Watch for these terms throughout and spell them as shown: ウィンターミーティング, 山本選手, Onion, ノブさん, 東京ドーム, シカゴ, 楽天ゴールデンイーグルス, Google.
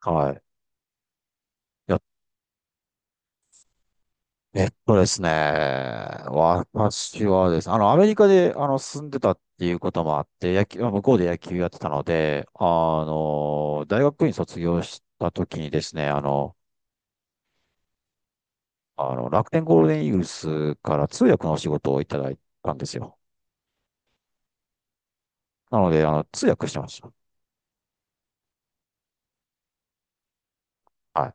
はい。いや、えっとですね。私はですね、アメリカで、住んでたっていうこともあって、野球、まあ向こうで野球やってたので、大学院卒業した時にですね、楽天ゴールデンイーグルスから通訳のお仕事をいただいたんですよ。なので、通訳してました。はい。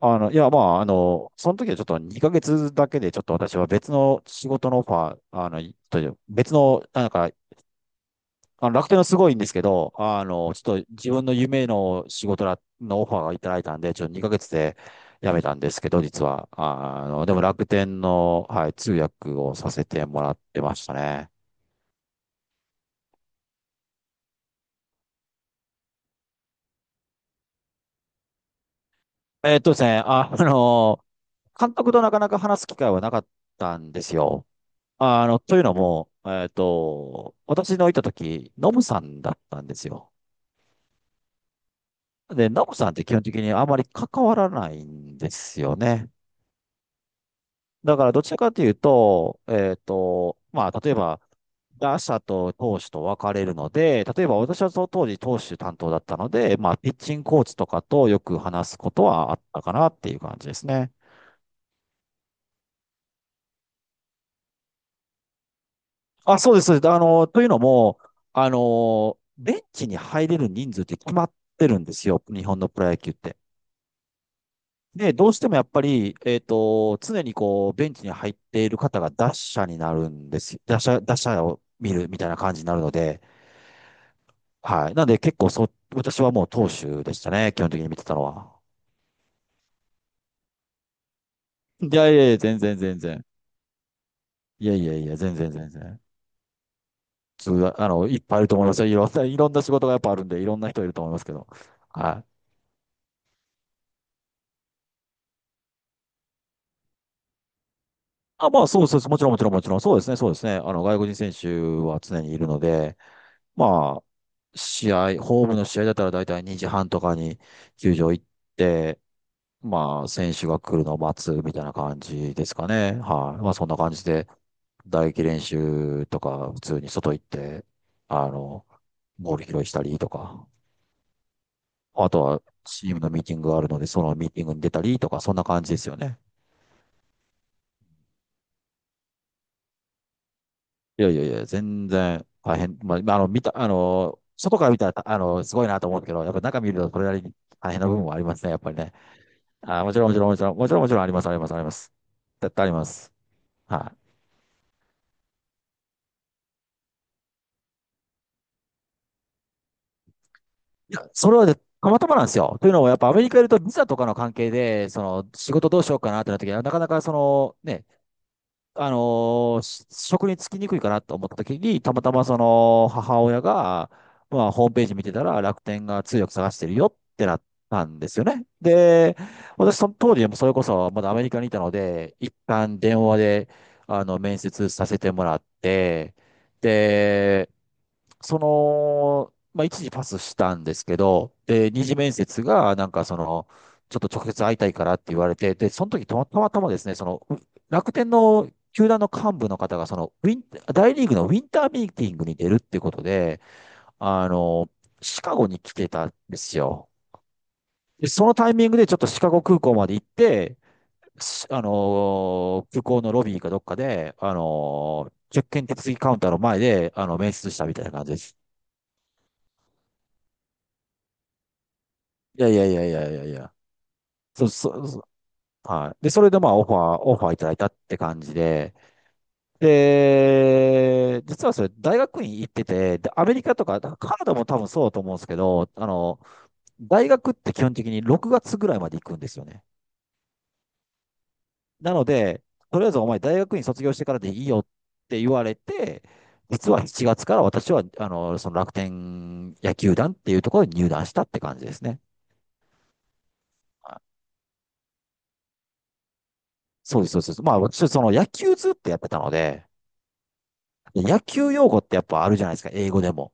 その時はちょっと2ヶ月だけで、ちょっと私は別の仕事のオファー、あの、いという別の、楽天はすごいんですけど、ちょっと自分の夢の仕事らのオファーがいただいたんで、ちょっと2ヶ月で辞めたんですけど、実は。でも楽天の、はい、通訳をさせてもらってましたね。ですね、あの、監督となかなか話す機会はなかったんですよ。というのも、私のいた時、ノブさんだったんですよ。で、ノブさんって基本的にあまり関わらないんですよね。だからどちらかというと、例えば、打者と投手と分かれるので、例えば私はその当時投手担当だったので、まあ、ピッチングコーチとかとよく話すことはあったかなっていう感じですね。あ、そうです、そうです。というのも、ベンチに入れる人数って決まってるんですよ、日本のプロ野球って。で、どうしてもやっぱり、常にこう、ベンチに入っている方が打者になるんですよ。打者、打者を見るみたいな感じになるので、はい。なんで結構そ、私はもう投手でしたね、基本的に見てたのは。いやいやいや、全然全然。いやいやいや、全然全然。つう、あの、いっぱいいると思いますよ。いろんな、いろんな仕事がやっぱあるんで、いろんな人いると思いますけど。はい。あ、まあ、そうそうそう、もちろんもちろんもちろん、そうですね、そうですね。外国人選手は常にいるので、まあ、試合、ホームの試合だったら大体2時半とかに球場行って、まあ、選手が来るのを待つみたいな感じですかね。はい。まあ、そんな感じで。打撃練習とか、普通に外行って、あの、ボール拾いしたりとか、あとはチームのミーティングがあるので、そのミーティングに出たりとか、そんな感じですよね。いやいやいや、全然大変。まあ、あの、見た、あの、外から見たら、すごいなと思うけど、やっぱ中見るとそれなりに大変な部分もありますね、やっぱりね。あ、もちろん、もちろん、もちろん、もちろん、もちろんあります、あります、あります。絶対あります。はい。それはね、たまたまなんですよ。というのも、やっぱアメリカいるとビザとかの関係で、その仕事どうしようかなってなった時は、なかなかそのね、あのーし職に就きにくいかなと思った時に、たまたまその母親が、まあ、ホームページ見てたら楽天が通訳探してるよってなったんですよね。で、私その当時もそれこそまだアメリカにいたので、一旦電話で面接させてもらって、で、その、まあ、一時パスしたんですけど、で、二次面接が、なんかその、ちょっと直接会いたいからって言われて、で、その時たまたまですね、楽天の球団の幹部の方が、その、ウィン、大リーグのウィンターミーティングに出るってことで、あの、シカゴに来てたんですよ。で、そのタイミングでちょっとシカゴ空港まで行って、しあのー空港のロビーかどっかで、チェックイン手続きカウンターの前で、面接したみたいな感じです。いやいやいやいやいやいや。そ、そ、そはい。で、それでまあオファー、オファーいただいたって感じで。で、実はそれ大学院行ってて、で、アメリカとか、カナダも多分そうだと思うんですけど、大学って基本的に6月ぐらいまで行くんですよね。なので、とりあえずお前大学院卒業してからでいいよって言われて、実は7月から私は、その楽天野球団っていうところに入団したって感じですね。はい、そうです、そうです。まあ私、その野球ずっとやってたので、野球用語ってやっぱあるじゃないですか、英語でも。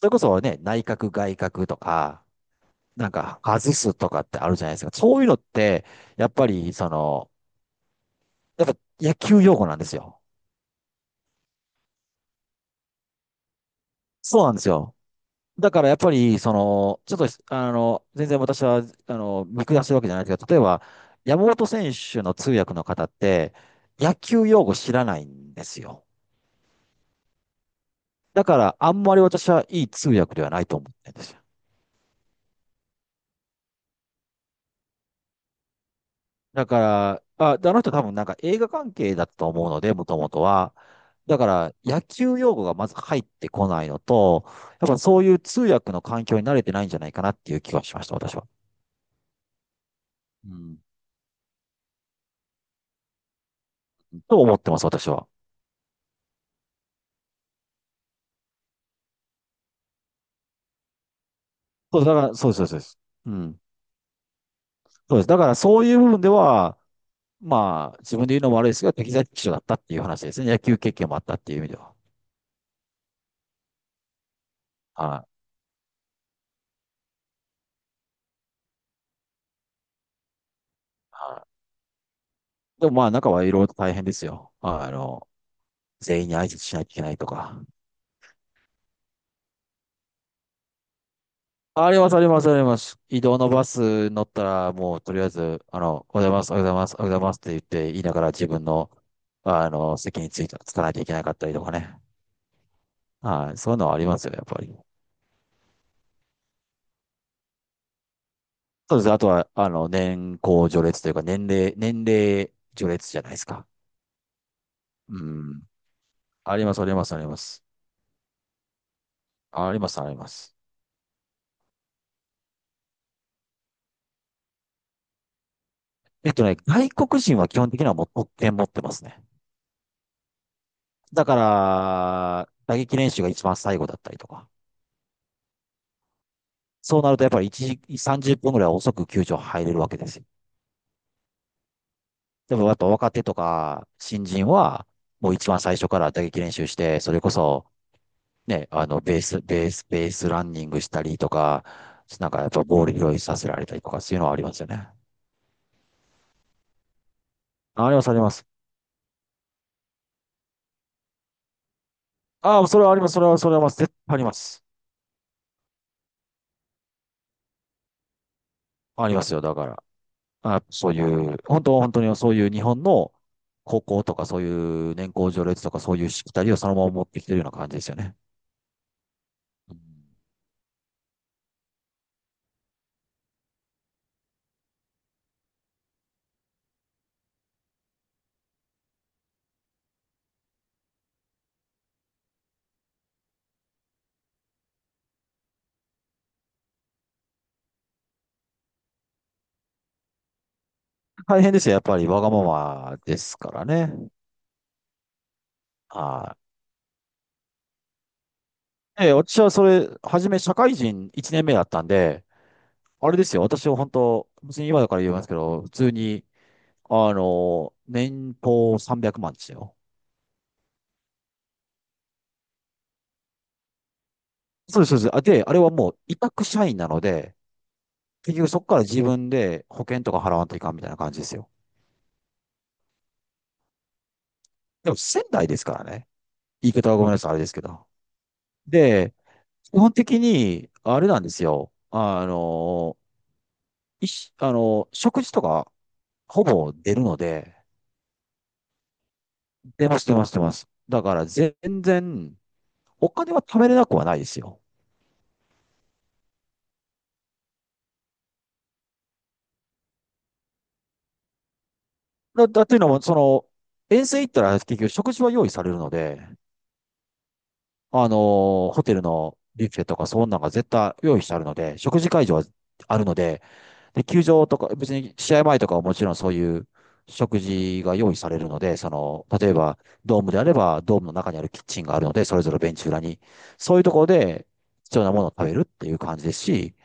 それこそね、内角外角とか、なんか外すとかってあるじゃないですか。そういうのって、やっぱりその、やっぱ野球用語なんですよ。そうなんですよ。だからやっぱり、その、ちょっと、あの、全然私は、見下してるわけじゃないですけど、例えば、山本選手の通訳の方って、野球用語知らないんですよ。だから、あんまり私はいい通訳ではないと思ってるんですよ。だから、あ、であの人多分なんか映画関係だったと思うので、もともとは。だから野球用語がまず入ってこないのと、やっぱそういう通訳の環境に慣れてないんじゃないかなっていう気がしました、私は。うん。と思ってます、私は。そう、だから、そうです、そうです。そうです。うん。そうです。だからそういう部分では、まあ、自分で言うのも悪いですが、適材適所だったっていう話ですね。野球経験もあったっていう意味では。はい。はい。でもまあ、中はいろいろと大変ですよ。全員に挨拶しないといけないとか。あります、あります、あります。移動のバス乗ったら、もうとりあえず、おはようございます、おはようございます、おはようございますって言って、言いながら自分の、あの、席についた、つかなきゃいけなかったりとかね。はい、そういうのはありますよ、やっぱり。そうですね。あとは、年功序列というか、年齢序列じゃないですか。うん。あります、あります、あります。あります、あります。えっとね、外国人は基本的にはもう特権持ってますね。だから、打撃練習が一番最後だったりとか。そうなるとやっぱり1時、30分ぐらい遅く球場入れるわけですよ。でもやっぱ若手とか新人は、もう一番最初から打撃練習して、それこそ、ね、ベースランニングしたりとか、なんかやっぱボール拾いさせられたりとか、そういうのはありますよね。あります、あります。ああ、それはあります、それはあります。絶対あります。ありますよ、だから。あ、そういう、本当、本当にそういう日本の高校とかそういう年功序列とかそういうしきたりをそのまま持ってきてるような感じですよね。うん、大変ですよ。やっぱりわがままですからね。はい。え、私はそれ、初め社会人1年目だったんで、あれですよ。私は本当、別に今だから言いますけど、普通に、年俸300万ですよ。そうです、そうです。あれはもう委託社員なので、結局そこから自分で保険とか払わんといかんみたいな感じですよ。でも仙台ですからね。言い方はごめんなさい、あれですけど。で、基本的に、あれなんですよ。あの、いし、あの、食事とかほぼ出るので、出ます、出ます、出ます。だから全然、お金は貯めれなくはないですよ。だっていうのも、その、遠征行ったら結局食事は用意されるので、あのホテルのビュッフェとかそんなんが絶対用意してあるので、食事会場はあるので、で、球場とか、別に試合前とかはもちろんそういう食事が用意されるので、その、例えばドームであれば、ドームの中にあるキッチンがあるので、それぞれベンチ裏に、そういうところで必要なものを食べるっていう感じですし、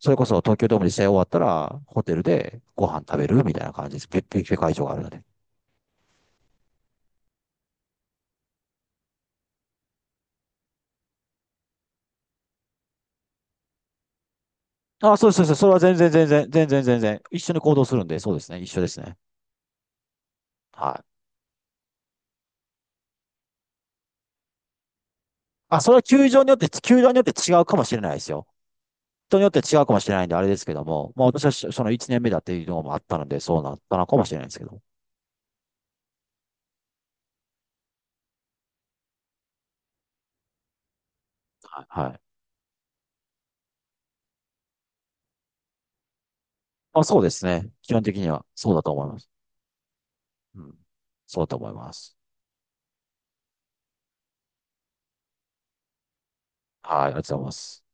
それこそ東京ドームで試合終わったら、ホテルでご飯食べるみたいな感じです。別ビュッフェ会場があるので。あ、そうです、そうです。それは全然、全然、全然、全然。一緒に行動するんで、そうですね。一緒ですね。はい。あ、それは球場によって、球場によって違うかもしれないですよ。人によって違うかもしれないんで、あれですけども、まあ私はその1年目だっていうのもあったので、そうなったのかもしれないですけど。はい。はい。まあそうですね。基本的にはそうだと思います。うん。そうだと思います。はい。ありがとうございます。